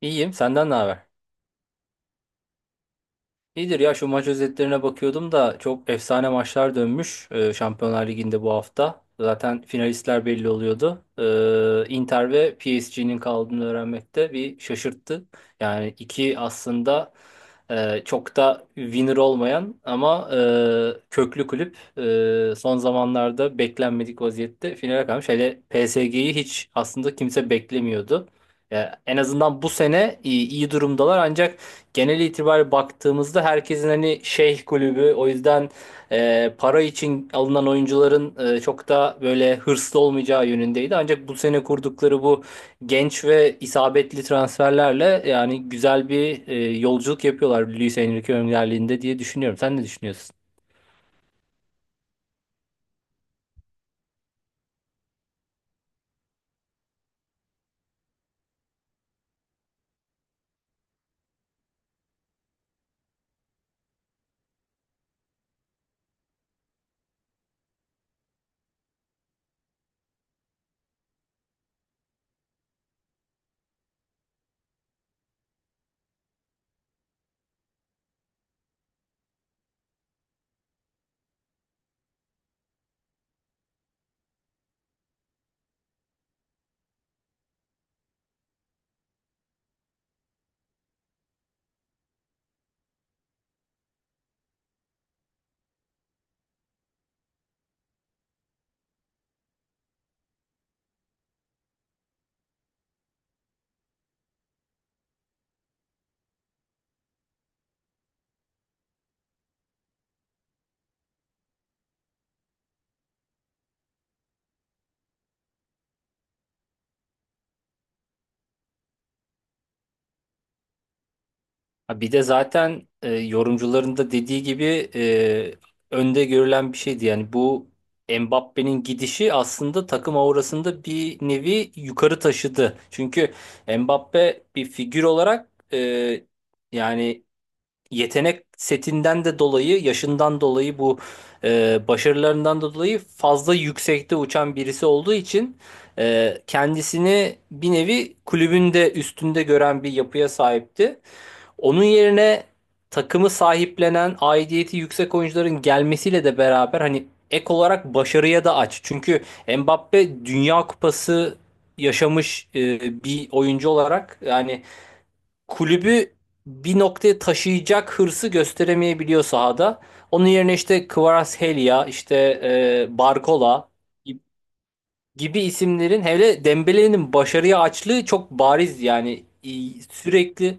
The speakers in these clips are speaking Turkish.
İyiyim. Senden ne haber? İyidir ya, şu maç özetlerine bakıyordum da çok efsane maçlar dönmüş Şampiyonlar Ligi'nde bu hafta. Zaten finalistler belli oluyordu. Inter ve PSG'nin kaldığını öğrenmek de bir şaşırttı. Yani iki aslında çok da winner olmayan ama köklü kulüp son zamanlarda beklenmedik vaziyette finale kalmış. Hele PSG'yi hiç aslında kimse beklemiyordu. Ya en azından bu sene iyi durumdalar, ancak genel itibariyle baktığımızda herkesin hani şeyh kulübü, o yüzden para için alınan oyuncuların çok da böyle hırslı olmayacağı yönündeydi. Ancak bu sene kurdukları bu genç ve isabetli transferlerle yani güzel bir yolculuk yapıyorlar Luis Enrique önderliğinde diye düşünüyorum. Sen ne düşünüyorsun? Ha, bir de zaten yorumcuların da dediği gibi önde görülen bir şeydi. Yani bu Mbappe'nin gidişi aslında takım aurasında bir nevi yukarı taşıdı. Çünkü Mbappe bir figür olarak yani yetenek setinden de dolayı, yaşından dolayı bu başarılarından da dolayı fazla yüksekte uçan birisi olduğu için kendisini bir nevi kulübün de üstünde gören bir yapıya sahipti. Onun yerine takımı sahiplenen, aidiyeti yüksek oyuncuların gelmesiyle de beraber hani ek olarak başarıya da aç. Çünkü Mbappe Dünya Kupası yaşamış bir oyuncu olarak yani kulübü bir noktaya taşıyacak hırsı gösteremeyebiliyor sahada. Onun yerine işte Kvaratskhelia, işte Barcola gibi isimlerin, hele Dembele'nin başarıya açlığı çok bariz. Yani sürekli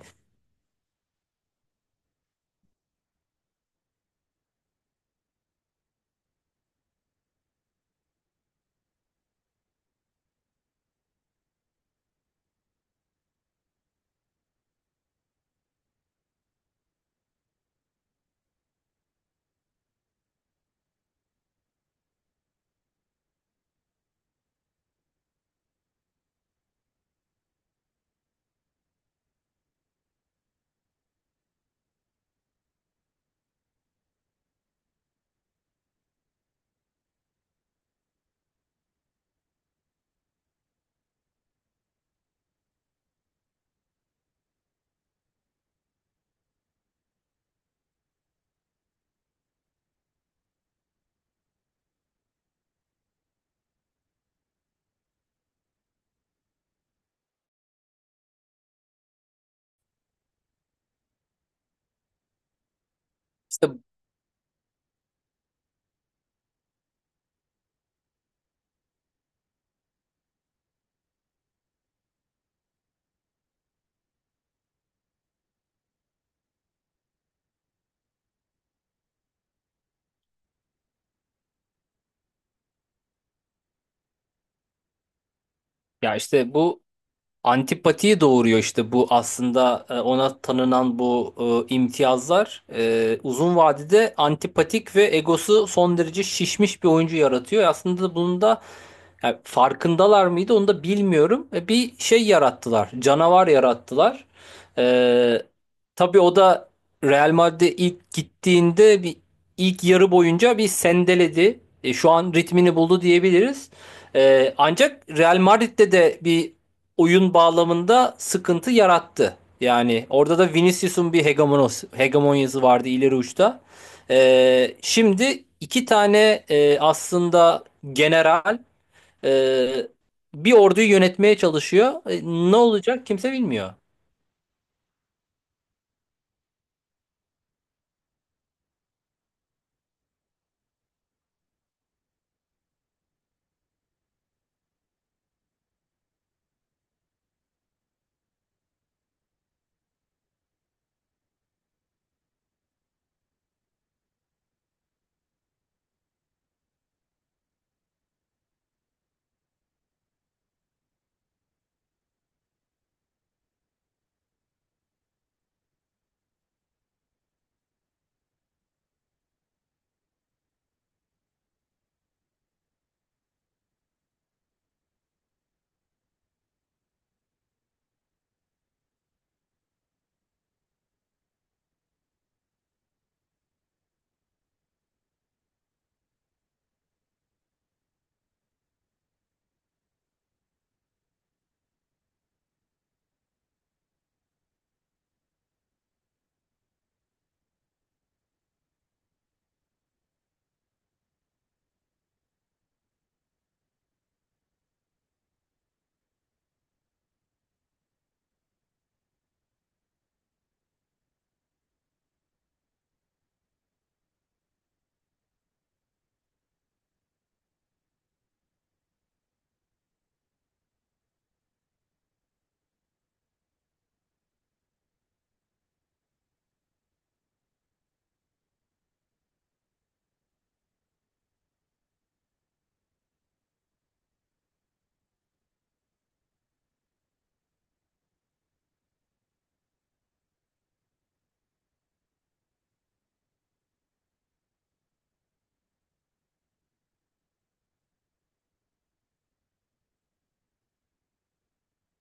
işte ya, işte bu antipatiyi doğuruyor işte. Bu aslında ona tanınan bu imtiyazlar, uzun vadede antipatik ve egosu son derece şişmiş bir oyuncu yaratıyor. Aslında bunun da yani farkındalar mıydı, onu da bilmiyorum. Bir şey yarattılar. Canavar yarattılar. E, tabii o da Real Madrid'e ilk gittiğinde bir ilk yarı boyunca bir sendeledi. Şu an ritmini buldu diyebiliriz. Ancak Real Madrid'de de bir oyun bağlamında sıkıntı yarattı. Yani orada da hegemonyası vardı ileri uçta. Şimdi iki tane aslında general ee, bir orduyu yönetmeye çalışıyor. Ne olacak, kimse bilmiyor.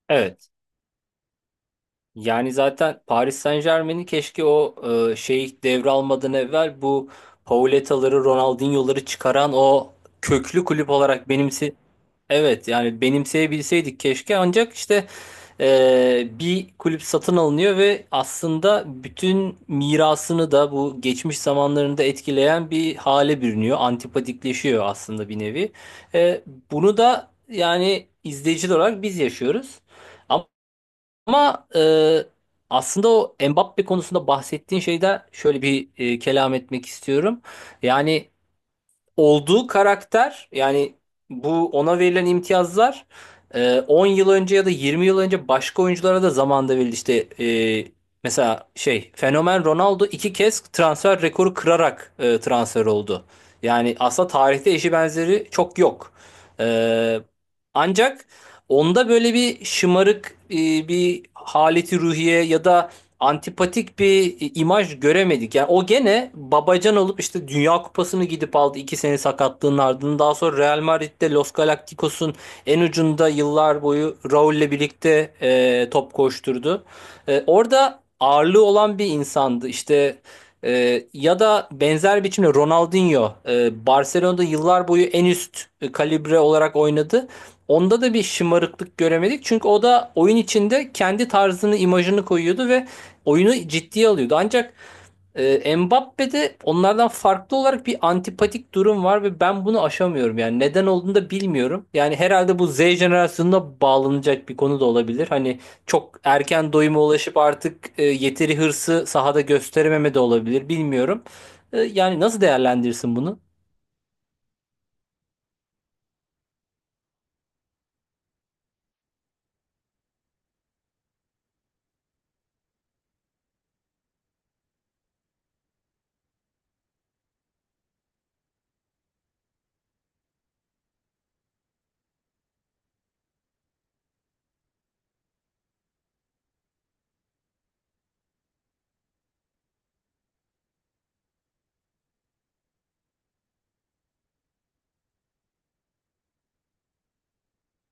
Evet. Yani zaten Paris Saint-Germain'in, keşke o devralmadan evvel bu Pauleta'ları, Ronaldinho'ları çıkaran o köklü kulüp olarak benimsi... Evet, yani benimseyebilseydik keşke, ancak işte bir kulüp satın alınıyor ve aslında bütün mirasını da bu geçmiş zamanlarında etkileyen bir hale bürünüyor. Antipatikleşiyor aslında bir nevi. Eee, Bunu da yani izleyiciler olarak biz yaşıyoruz. Ama aslında o Mbappe konusunda bahsettiğin şeyde şöyle bir kelam etmek istiyorum. Yani olduğu karakter yani bu ona verilen imtiyazlar 10 yıl önce ya da 20 yıl önce başka oyunculara da zamanında verildi. İşte mesela şey Fenomen Ronaldo iki kez transfer rekoru kırarak transfer oldu. Yani aslında tarihte eşi benzeri çok yok. E, Ancak onda böyle bir şımarık bir haleti ruhiye ya da antipatik bir imaj göremedik. Yani o gene babacan olup işte Dünya Kupası'nı gidip aldı iki sene sakatlığın ardından. Daha sonra Real Madrid'de Los Galacticos'un en ucunda yıllar boyu Raul'le birlikte top koşturdu. Orada ağırlığı olan bir insandı. İşte ya da benzer biçimde Ronaldinho Barcelona'da yıllar boyu en üst kalibre olarak oynadı. Onda da bir şımarıklık göremedik. Çünkü o da oyun içinde kendi tarzını, imajını koyuyordu ve oyunu ciddiye alıyordu. Ancak Mbappe'de onlardan farklı olarak bir antipatik durum var ve ben bunu aşamıyorum. Yani neden olduğunu da bilmiyorum. Yani herhalde bu Z jenerasyonuna bağlanacak bir konu da olabilir. Hani çok erken doyuma ulaşıp artık yeteri hırsı sahada gösterememe de olabilir. Bilmiyorum. Yani nasıl değerlendirirsin bunu?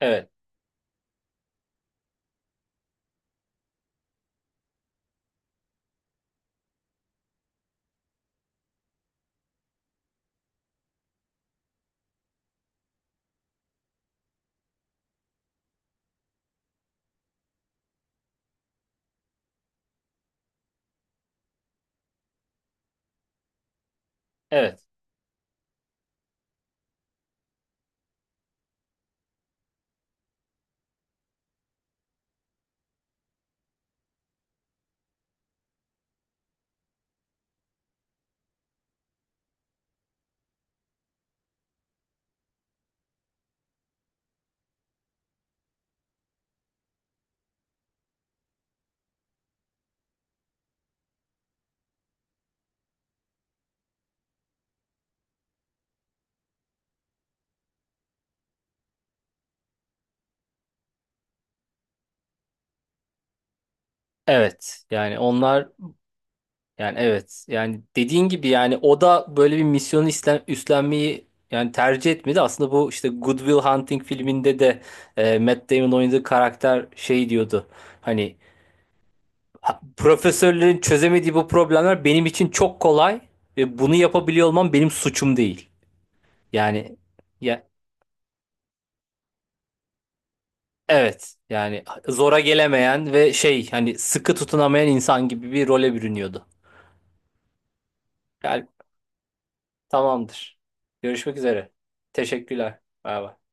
Evet, evet, evet. Yani onlar... Yani evet. Yani dediğin gibi yani o da böyle bir misyonu üstlenmeyi yani tercih etmedi. Aslında bu işte Good Will Hunting filminde de Matt Damon oynadığı karakter şey diyordu. Hani " profesörlerin çözemediği bu problemler benim için çok kolay ve bunu yapabiliyor olmam benim suçum değil. Yani ya evet. Yani zora gelemeyen ve şey hani sıkı tutunamayan insan gibi bir role bürünüyordu. Yani tamamdır. Görüşmek üzere. Teşekkürler. Bay bay.